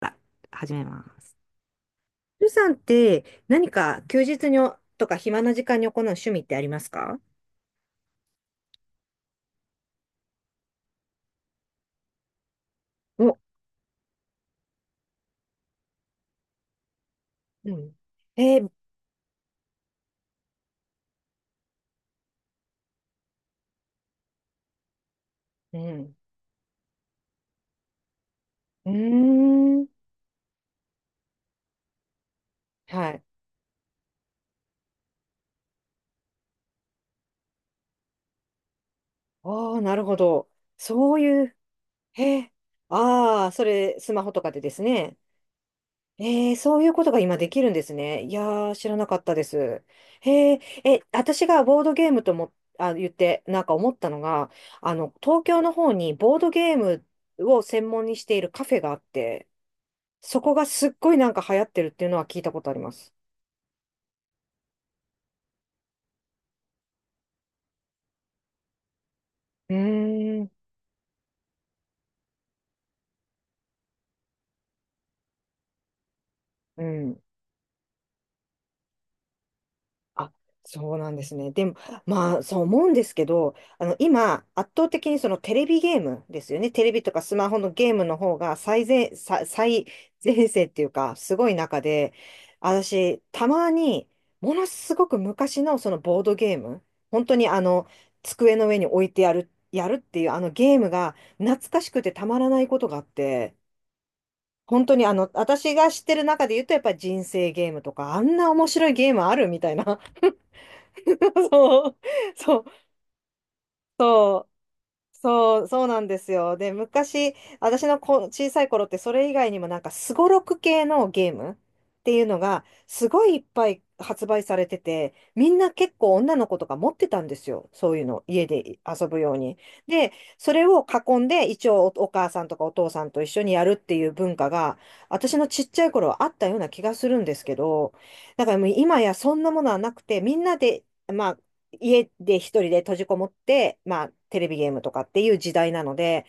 あ始めます。ルさんって何か休日にとか暇な時間に行う趣味ってありますか？お、うん。えー、うーん。はい。ああ、なるほど。そういう、へえ。ああ、それ、スマホとかでですね。そういうことが今できるんですね。いやー、知らなかったです。へえ、私がボードゲームとも、言って、なんか思ったのが、東京の方にボードゲームを専門にしているカフェがあって、そこがすっごいなんか流行ってるっていうのは聞いたことあります。うーん。うん。あ、そうなんですね。でも、まあ、そう思うんですけど、今、圧倒的にそのテレビゲームですよね。テレビとかスマホのゲームの方が最前線っていうか、すごい中で、私、たまに、ものすごく昔のそのボードゲーム、本当に机の上に置いてやるっていうあのゲームが懐かしくてたまらないことがあって、本当に私が知ってる中で言うと、やっぱり人生ゲームとか、あんな面白いゲームあるみたいな。そう、そう、そう。そう、そうなんですよ。で、昔、私の小さい頃ってそれ以外にもなんかすごろく系のゲームっていうのがすごいいっぱい発売されてて、みんな結構女の子とか持ってたんですよ。そういうの、家で遊ぶように。で、それを囲んで一応お母さんとかお父さんと一緒にやるっていう文化が私のちっちゃい頃はあったような気がするんですけど、だからもう今やそんなものはなくて、みんなで、まあ家で一人で閉じこもって、まあ、テレビゲームとかっていう時代なので、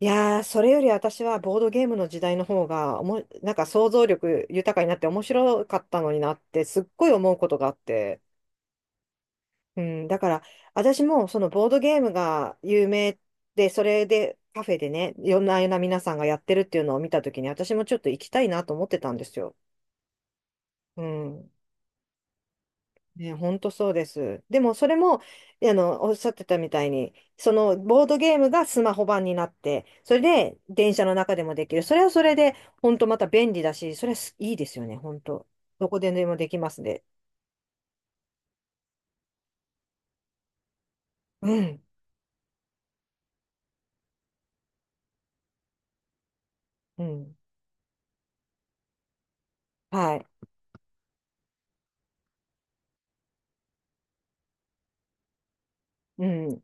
いやー、それより私はボードゲームの時代の方がなんか想像力豊かになって面白かったのになって、すっごい思うことがあって。うん、だから、私もそのボードゲームが有名で、それでカフェでね、いろんな皆さんがやってるっていうのを見たときに、私もちょっと行きたいなと思ってたんですよ。うん。ね、本当そうです。でもそれも、おっしゃってたみたいに、そのボードゲームがスマホ版になって、それで電車の中でもできる。それはそれで、本当また便利だし、それはすいいですよね、本当。どこででもできますね。うん、うん、はい、うん、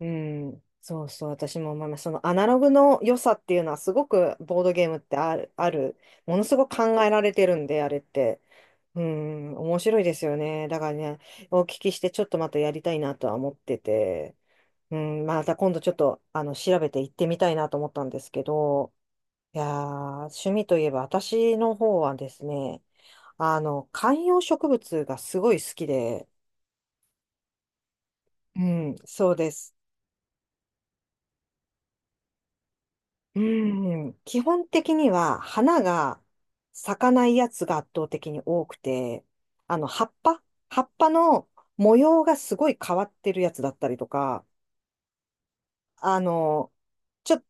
うん。そうそう、私も思います。そのアナログの良さっていうのは、すごくボードゲームってある、ものすごく考えられてるんで、あれって。うん、面白いですよね。だからね、お聞きしてちょっとまたやりたいなとは思ってて、うん、また今度ちょっと調べて行ってみたいなと思ったんですけど、いやー、趣味といえば私の方はですね、観葉植物がすごい好きで、うん、そうです。うん、基本的には花が咲かないやつが圧倒的に多くて、あの、葉っぱ葉っぱの模様がすごい変わってるやつだったりとか、あの、ちょ、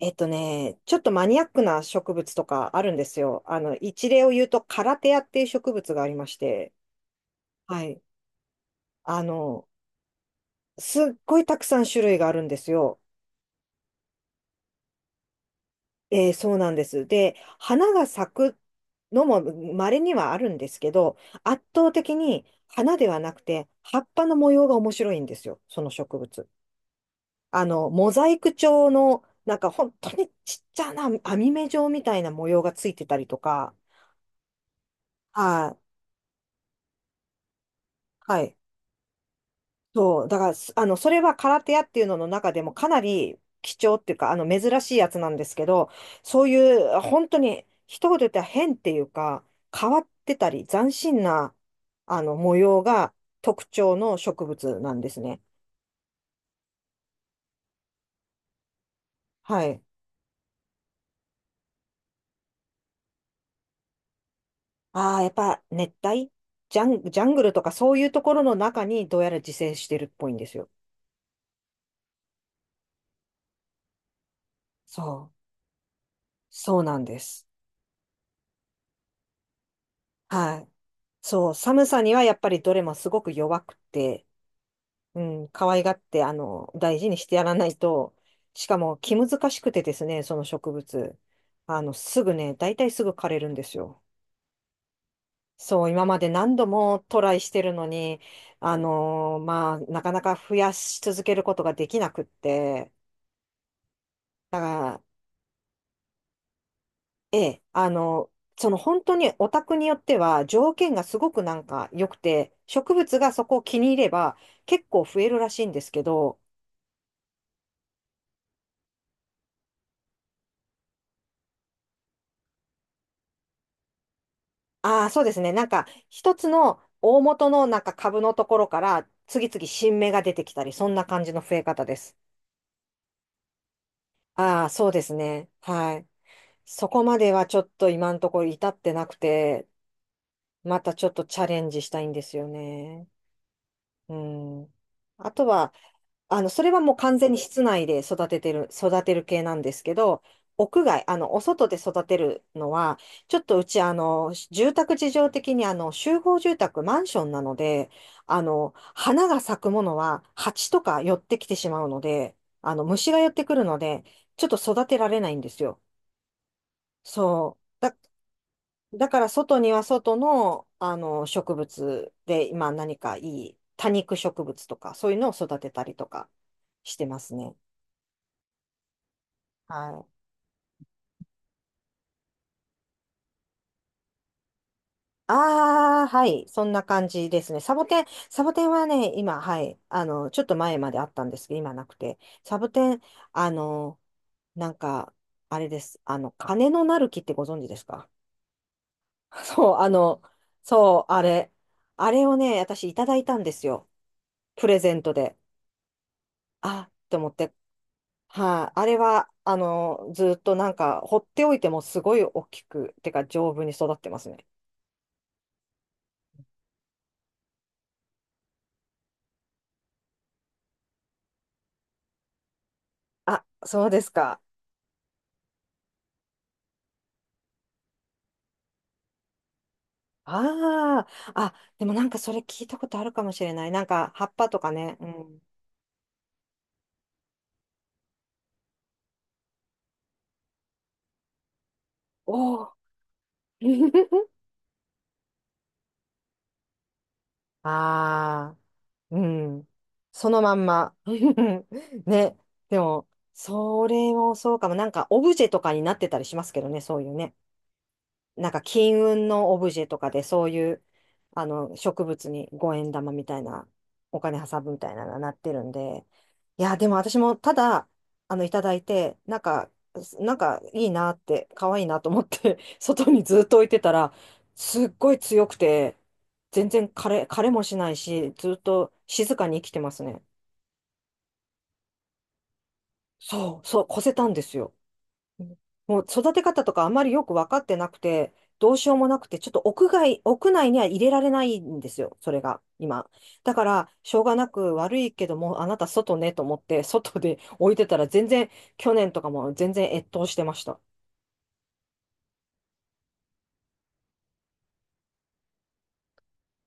ちょっとマニアックな植物とかあるんですよ。一例を言うと、カラテアっていう植物がありまして、はい。あの、すっごいたくさん種類があるんですよ。そうなんです。で、花が咲くのも稀にはあるんですけど、圧倒的に花ではなくて、葉っぱの模様が面白いんですよ。その植物。モザイク調の、なんか本当にちっちゃな網目状みたいな模様がついてたりとか、はい。はい。そう。だから、すあの、それは空手屋っていうのの中でもかなり貴重っていうか、珍しいやつなんですけど、そういう、本当に、一言で言ったら変っていうか、変わってたり、斬新な、模様が特徴の植物なんですね。はい。ああ、やっぱ、熱帯ジャングルとかそういうところの中にどうやら自生してるっぽいんですよ。そう。そうなんです。はい。そう。寒さにはやっぱりどれもすごく弱くて、うん、可愛がって、大事にしてやらないと、しかも気難しくてですね、その植物。すぐね、大体すぐ枯れるんですよ。そう、今まで何度もトライしてるのに、まあ、なかなか増やし続けることができなくって、だから、ええ、その本当にお宅によっては条件がすごくなんか良くて、植物がそこを気に入れば結構増えるらしいんですけど、ああ、そうですね。なんか、一つの大元のなんか株のところから、次々新芽が出てきたり、そんな感じの増え方です。ああ、そうですね。はい。そこまではちょっと今のところ至ってなくて、またちょっとチャレンジしたいんですよね。うん。あとは、それはもう完全に室内で育てる系なんですけど、屋外、お外で育てるのは、ちょっとうち、住宅事情的に、集合住宅、マンションなので、花が咲くものは、蜂とか寄ってきてしまうので、虫が寄ってくるので、ちょっと育てられないんですよ。そう。だから、外には外の、植物で、今何かいい多肉植物とか、そういうのを育てたりとかしてますね。はい。ああ、はい。そんな感じですね。サボテンはね、今、はい。ちょっと前まであったんですけど、今なくて。サボテン、あの、なんか、あれです。金のなる木ってご存知ですか？ そう、そう、あれ。あれをね、私いただいたんですよ。プレゼントで。あ、と思って。はい。あれは、ずっとなんか、放っておいてもすごい大きく、てか丈夫に育ってますね。あ、そうですか。ああ、あ、でもなんかそれ聞いたことあるかもしれない。なんか葉っぱとかね。うん。おお。ああ、うん。そのまんま。ね。でも、それもそうかも。なんかオブジェとかになってたりしますけどね、そういうね。なんか金運のオブジェとかでそういう、植物に5円玉みたいな、お金挟むみたいなのがなってるんで、いや、でも私もただ、いただいて、なんか、すなんかいいなって、可愛いなと思って 外にずっと置いてたら、すっごい強くて、全然枯れもしないし、ずっと静かに生きてますね。そう、そう、越せたんですよ。もう育て方とかあまりよく分かってなくて、どうしようもなくて、ちょっと屋内には入れられないんですよ、それが、今。だから、しょうがなく悪いけども、あなた外ねと思って、外で置いてたら全然、去年とかも全然越冬してました。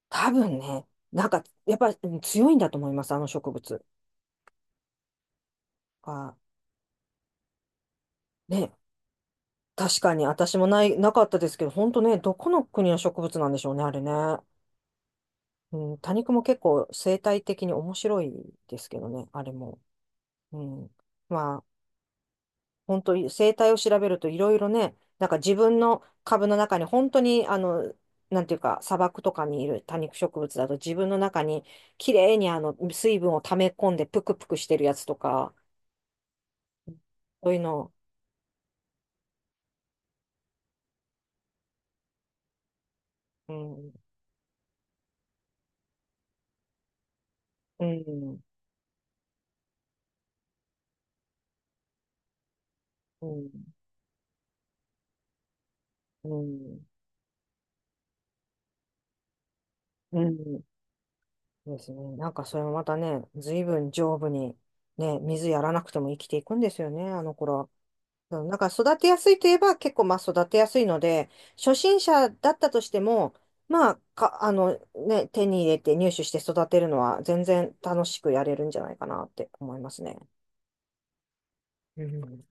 多分ね、なんか、やっぱり強いんだと思います、あの植物が。ね、確かに私もない、なかったですけど、本当ね、どこの国の植物なんでしょうね、あれね。うん、多肉も結構生態的に面白いですけどね、あれも。うん。まあ、本当に生態を調べるといろいろね、なんか自分の株の中に本当に、なんていうか、砂漠とかにいる多肉植物だと自分の中にきれいに水分を溜め込んでぷくぷくしてるやつとか、そういうの、うん、うん、うん、うん、うんですね。なんかそれもまたね、随分丈夫に、ね、水やらなくても生きていくんですよね、あの頃は。そうなんか育てやすいといえば結構まあ育てやすいので、初心者だったとしても、まあ、か、あのね、手に入れて入手して育てるのは全然楽しくやれるんじゃないかなって思いますね。うん。